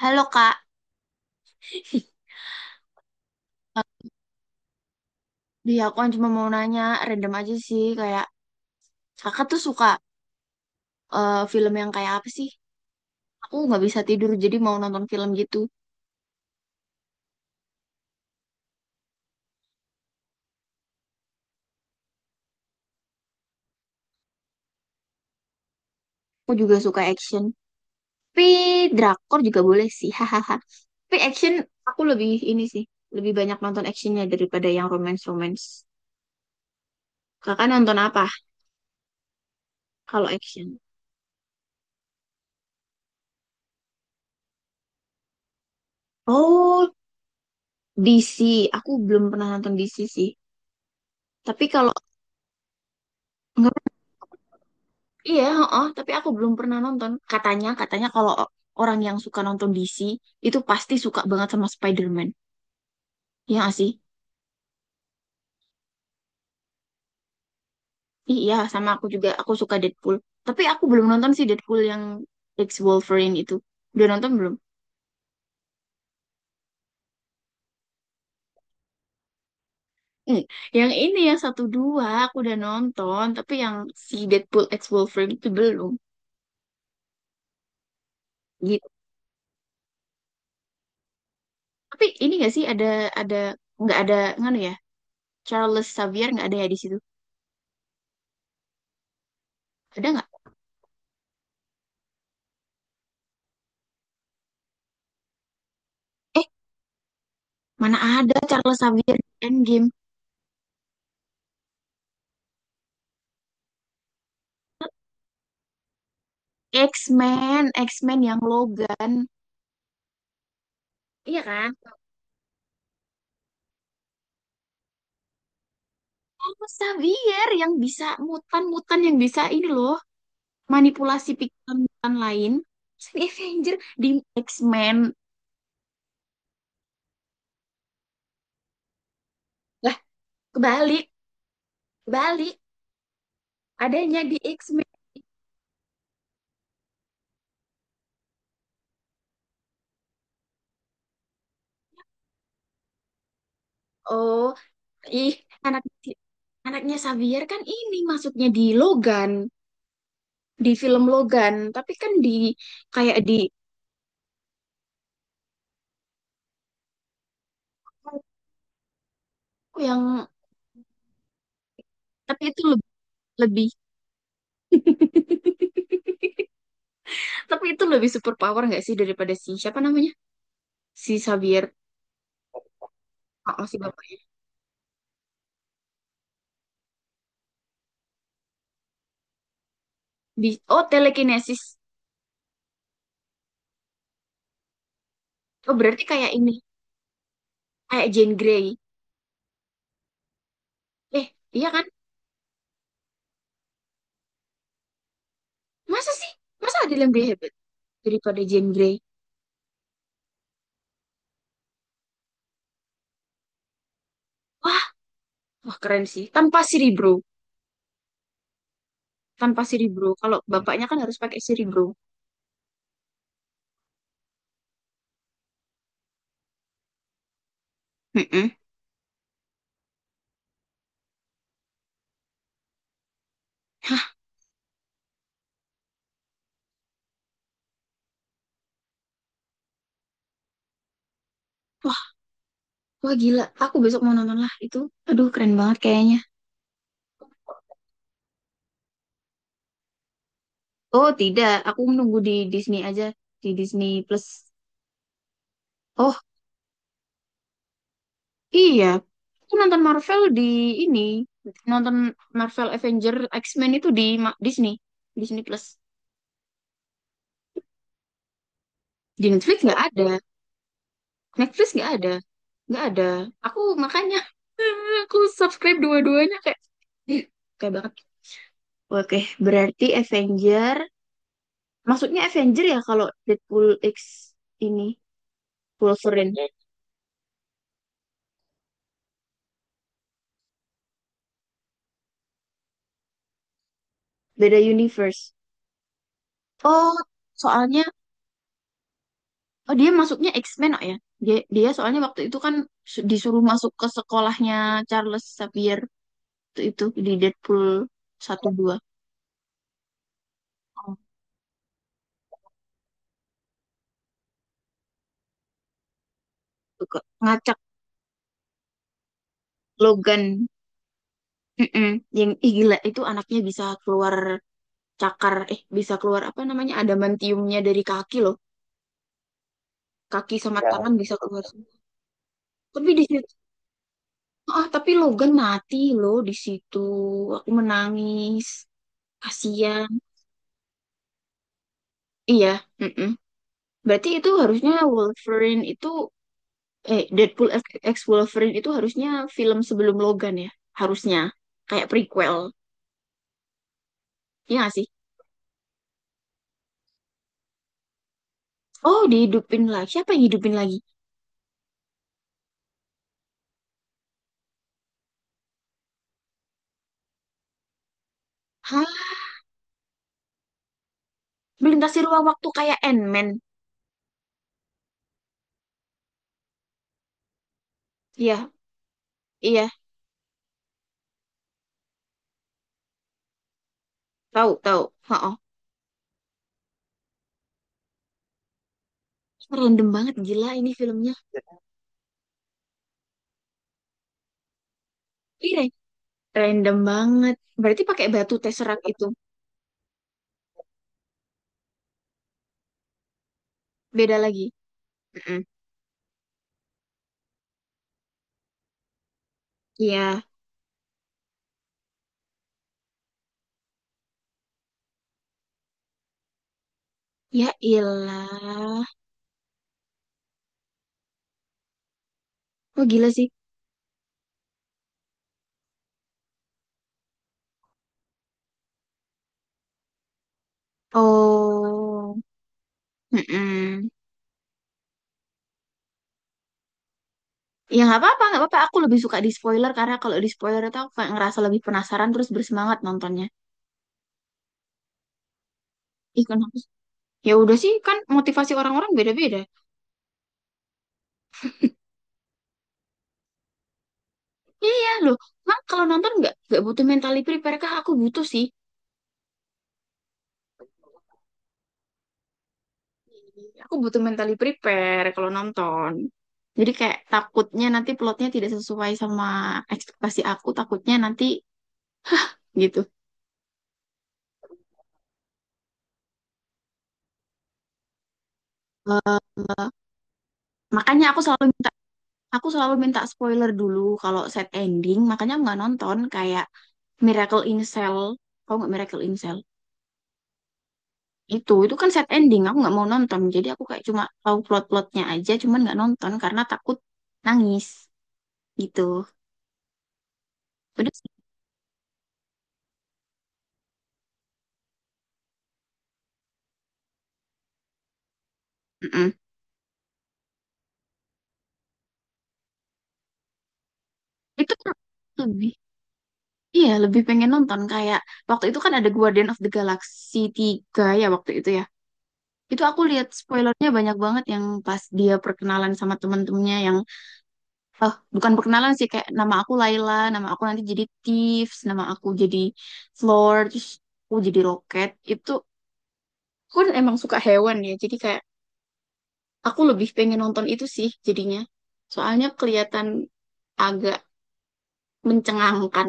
Halo Kak, dia aku kan cuma mau nanya random aja sih kayak Kakak tuh suka film yang kayak apa sih? Aku nggak bisa tidur jadi mau nonton film gitu. Aku juga suka action, tapi drakor juga boleh sih, hahaha. Tapi action aku lebih ini sih, lebih banyak nonton actionnya daripada yang romance-romance. Kakak nonton apa kalau action? Oh, DC. Aku belum pernah nonton DC sih. Tapi kalau Iya, heeh, tapi aku belum pernah nonton. Katanya, kalau orang yang suka nonton DC itu pasti suka banget sama Spider-Man. Iya nggak sih? Ih, iya, sama aku juga. Aku suka Deadpool. Tapi aku belum nonton sih Deadpool yang X Wolverine itu. Udah nonton belum? Hmm. Yang ini yang satu dua aku udah nonton, tapi yang si Deadpool X Wolverine itu belum. Gitu. Tapi ini gak sih ada nggak ada nganu ya? Charles Xavier nggak ada ya di situ? Ada nggak? Eh, mana ada Charles Xavier di Endgame? X-Men, yang Logan. Iya kan? Sama Xavier yang bisa mutan-mutan yang bisa ini loh, manipulasi pikiran mutan lain. Terus di Avenger, di X-Men. Lah, kebalik, kebalik. Adanya di X-Men. Oh, ih, anak si, anaknya Xavier kan ini masuknya di Logan, di film Logan, tapi kan di kayak di oh, yang tapi itu lebih, tapi itu lebih super power nggak sih daripada si siapa namanya? Si Xavier. Oh, oh, si bapaknya. Oh, telekinesis. Oh berarti kayak ini, kayak Jane Grey. eh iya kan? Masa sih? Masa ada yang lebih hebat daripada Jane Grey? Wah, wah, keren sih tanpa Cerebro. Tanpa Cerebro, kalau bapaknya kan harus pakai Cerebro. Mm-mm. Hah, wah, wah, gila, aku besok mau nonton lah itu. Aduh, keren banget kayaknya. Oh tidak, aku menunggu di Disney aja, di Disney Plus. Oh, iya, aku nonton Marvel di ini, nonton Marvel Avenger X-Men itu di Disney, Disney Plus. Di Netflix nggak ada, nggak ada. Aku makanya aku subscribe dua-duanya kayak, ih, kayak banget. Oke, berarti Avenger, maksudnya Avenger ya kalau Deadpool X ini, Wolverine, beda universe. Oh, soalnya. Oh dia masuknya X-Men, oh ya. Dia soalnya waktu itu kan disuruh masuk ke sekolahnya Charles Xavier itu di Deadpool satu dua. Oh, tuh, ngacak. Logan. Mm-mm. Yang ih, gila itu anaknya bisa keluar cakar, bisa keluar apa namanya adamantiumnya dari kaki loh. Kaki sama ya, tangan bisa keluar semua. Tapi di situ, ah tapi Logan mati loh di situ. Aku menangis. Kasian. Iya, mm-mm. Berarti itu harusnya Wolverine itu, Deadpool X X Wolverine itu harusnya film sebelum Logan ya, harusnya kayak prequel, ya gak sih? Oh dihidupin lagi, siapa yang hidupin lagi? Hah, melintasi ruang waktu kayak Ant-Man? Iya, iya tahu tahu. Oh, random banget, gila ini filmnya. Iya, random banget, berarti pakai batu Tesseract itu? Beda lagi. Mm-mm. Iya. Ya ilah. Oh gila sih. Oh. Mm. Ya nggak apa-apa, nggak apa-apa. Aku lebih suka di spoiler karena kalau di spoiler itu aku kayak ngerasa lebih penasaran terus bersemangat nontonnya. Ih, kan ya udah sih, kan motivasi orang-orang beda-beda. Iya iya, loh, kan kalau nonton nggak butuh mentally prepare kah? Aku butuh sih. Aku butuh mentally prepare kalau nonton. Jadi kayak takutnya nanti plotnya tidak sesuai sama ekspektasi aku, takutnya nanti gitu. Makanya aku selalu, aku selalu minta spoiler dulu kalau set ending, makanya aku nggak nonton kayak Miracle in Cell. Tahu nggak Miracle in Cell? Itu kan set ending aku nggak mau nonton, jadi aku kayak cuma tahu plot-plotnya aja cuman nggak nonton karena takut nangis gitu. Udah sih. Mm-mm. Itu kan lebih, iya lebih pengen nonton kayak waktu itu kan ada Guardian of the Galaxy 3 ya waktu itu ya, itu aku lihat spoilernya banyak banget yang pas dia perkenalan sama teman-temannya yang, bukan perkenalan sih, kayak nama aku Laila, nama aku nanti jadi Thieves, nama aku jadi Floor, terus aku jadi Rocket itu. Aku kan emang suka hewan ya, jadi kayak aku lebih pengen nonton itu sih jadinya. Soalnya kelihatan agak mencengangkan.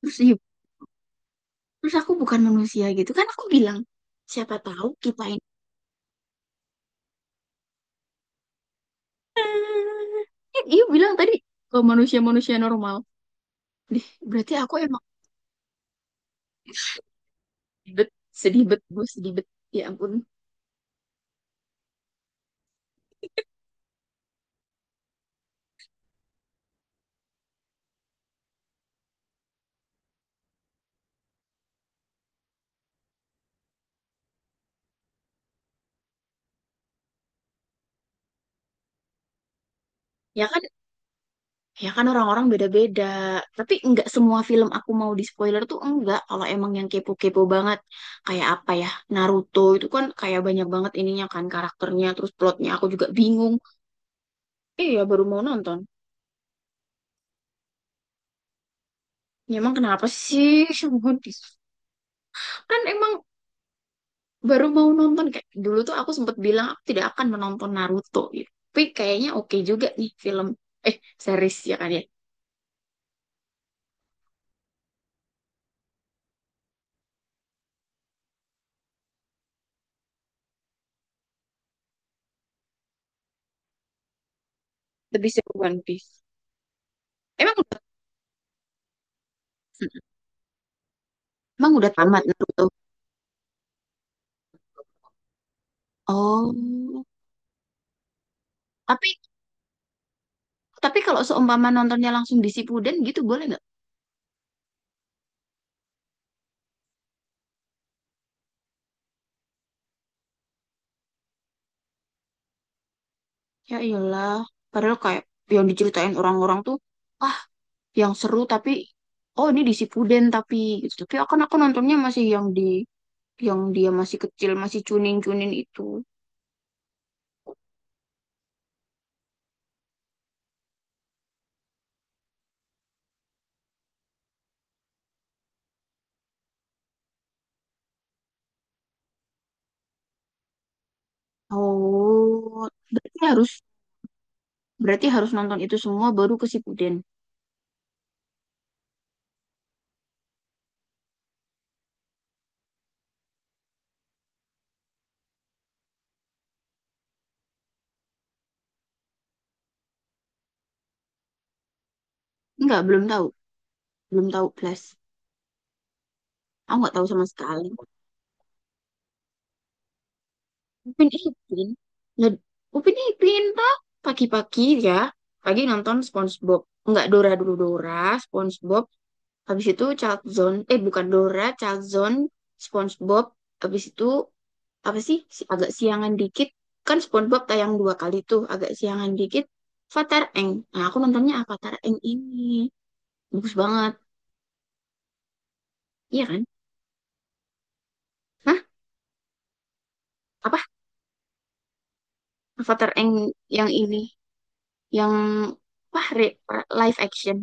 Terus, terus aku bukan manusia gitu kan aku bilang, siapa tahu kita ini. Eh, dia bilang tadi ke manusia-manusia normal. Dih, berarti aku emang sedih bet, sedih bet, gue sedih bet. Ya ampun. Ya kan Ya kan orang-orang beda-beda. Tapi nggak semua film aku mau di spoiler tuh, enggak. Kalau emang yang kepo-kepo banget. Kayak apa ya? Naruto itu kan kayak banyak banget ininya kan karakternya. Terus plotnya aku juga bingung. Iya ya, baru mau nonton. Ya, emang kenapa sih? Semua di kan emang baru mau nonton. Kayak dulu tuh aku sempat bilang aku tidak akan menonton Naruto. Gitu. Tapi kayaknya oke juga nih film. Eh, series ya kan ya. Lebih seru One Piece. Emang udah, emang udah tamat Naruto. Oh, tapi Tapi kalau seumpama nontonnya langsung di Sipuden gitu boleh nggak? Ya iyalah. Padahal kayak yang diceritain orang-orang tuh, ah yang seru tapi, oh ini di Sipuden tapi, gitu. Tapi akan aku nontonnya masih yang di yang dia masih kecil, masih cunin-cunin itu. Oh, berarti harus, berarti harus nonton itu semua baru ke Sipuden. Enggak, belum tahu. Belum tahu plus. Aku nggak tahu sama sekali. Upin Ipin. Lah, Upin Ipin Pak. Pagi-pagi ya. Pagi nonton SpongeBob. Nggak, Dora dulu, Dora, SpongeBob. Habis itu Child Zone. Eh bukan Dora, Child Zone, SpongeBob. Habis itu apa sih? Agak siangan dikit. Kan SpongeBob tayang dua kali tuh. Agak siangan dikit. Avatar Eng. Nah aku nontonnya Avatar Eng ini. Bagus banget. Iya kan? Hah? Apa? Avatar Eng yang ini. Yang apa? Live action.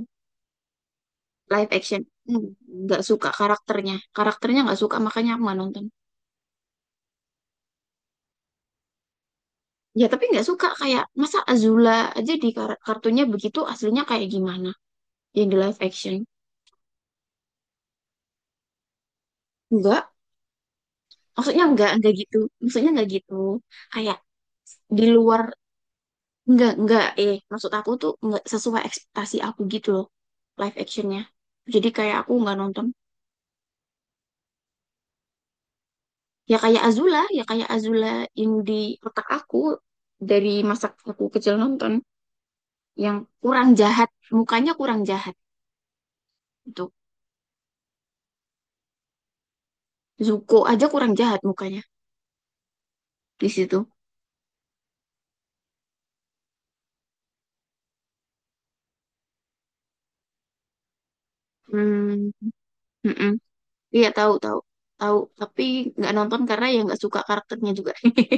Live action. Hmm, nggak suka karakternya, karakternya nggak suka makanya aku nggak nonton. Ya tapi nggak suka kayak masa Azula aja di kartunya begitu, aslinya kayak gimana yang di live action. Enggak, maksudnya enggak gitu, maksudnya nggak gitu kayak di luar. Nggak eh Maksud aku tuh nggak sesuai ekspektasi aku gitu loh, live actionnya, jadi kayak aku nggak nonton. Ya kayak Azula, ya kayak Azula yang di otak aku dari masa aku kecil nonton, yang kurang jahat mukanya, kurang jahat itu. Zuko aja kurang jahat mukanya di situ. Hmm. Mm-mm. Iya tahu tahu tahu, tapi nggak nonton karena ya nggak suka karakternya juga.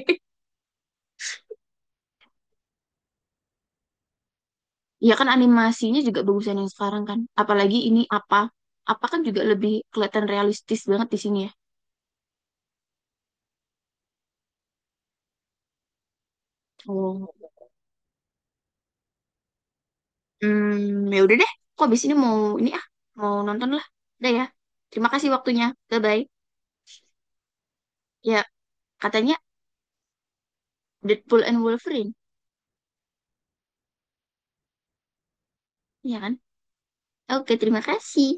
Iya kan, animasinya juga bagusan yang sekarang kan, apalagi ini apa apa kan juga lebih kelihatan realistis banget di sini ya. Oh. Hmm, ya udah deh kok, abis ini mau ini ah, mau nonton lah. Udah ya, terima kasih waktunya, bye bye. Ya, katanya Deadpool and Wolverine. Iya kan? Oke, terima kasih.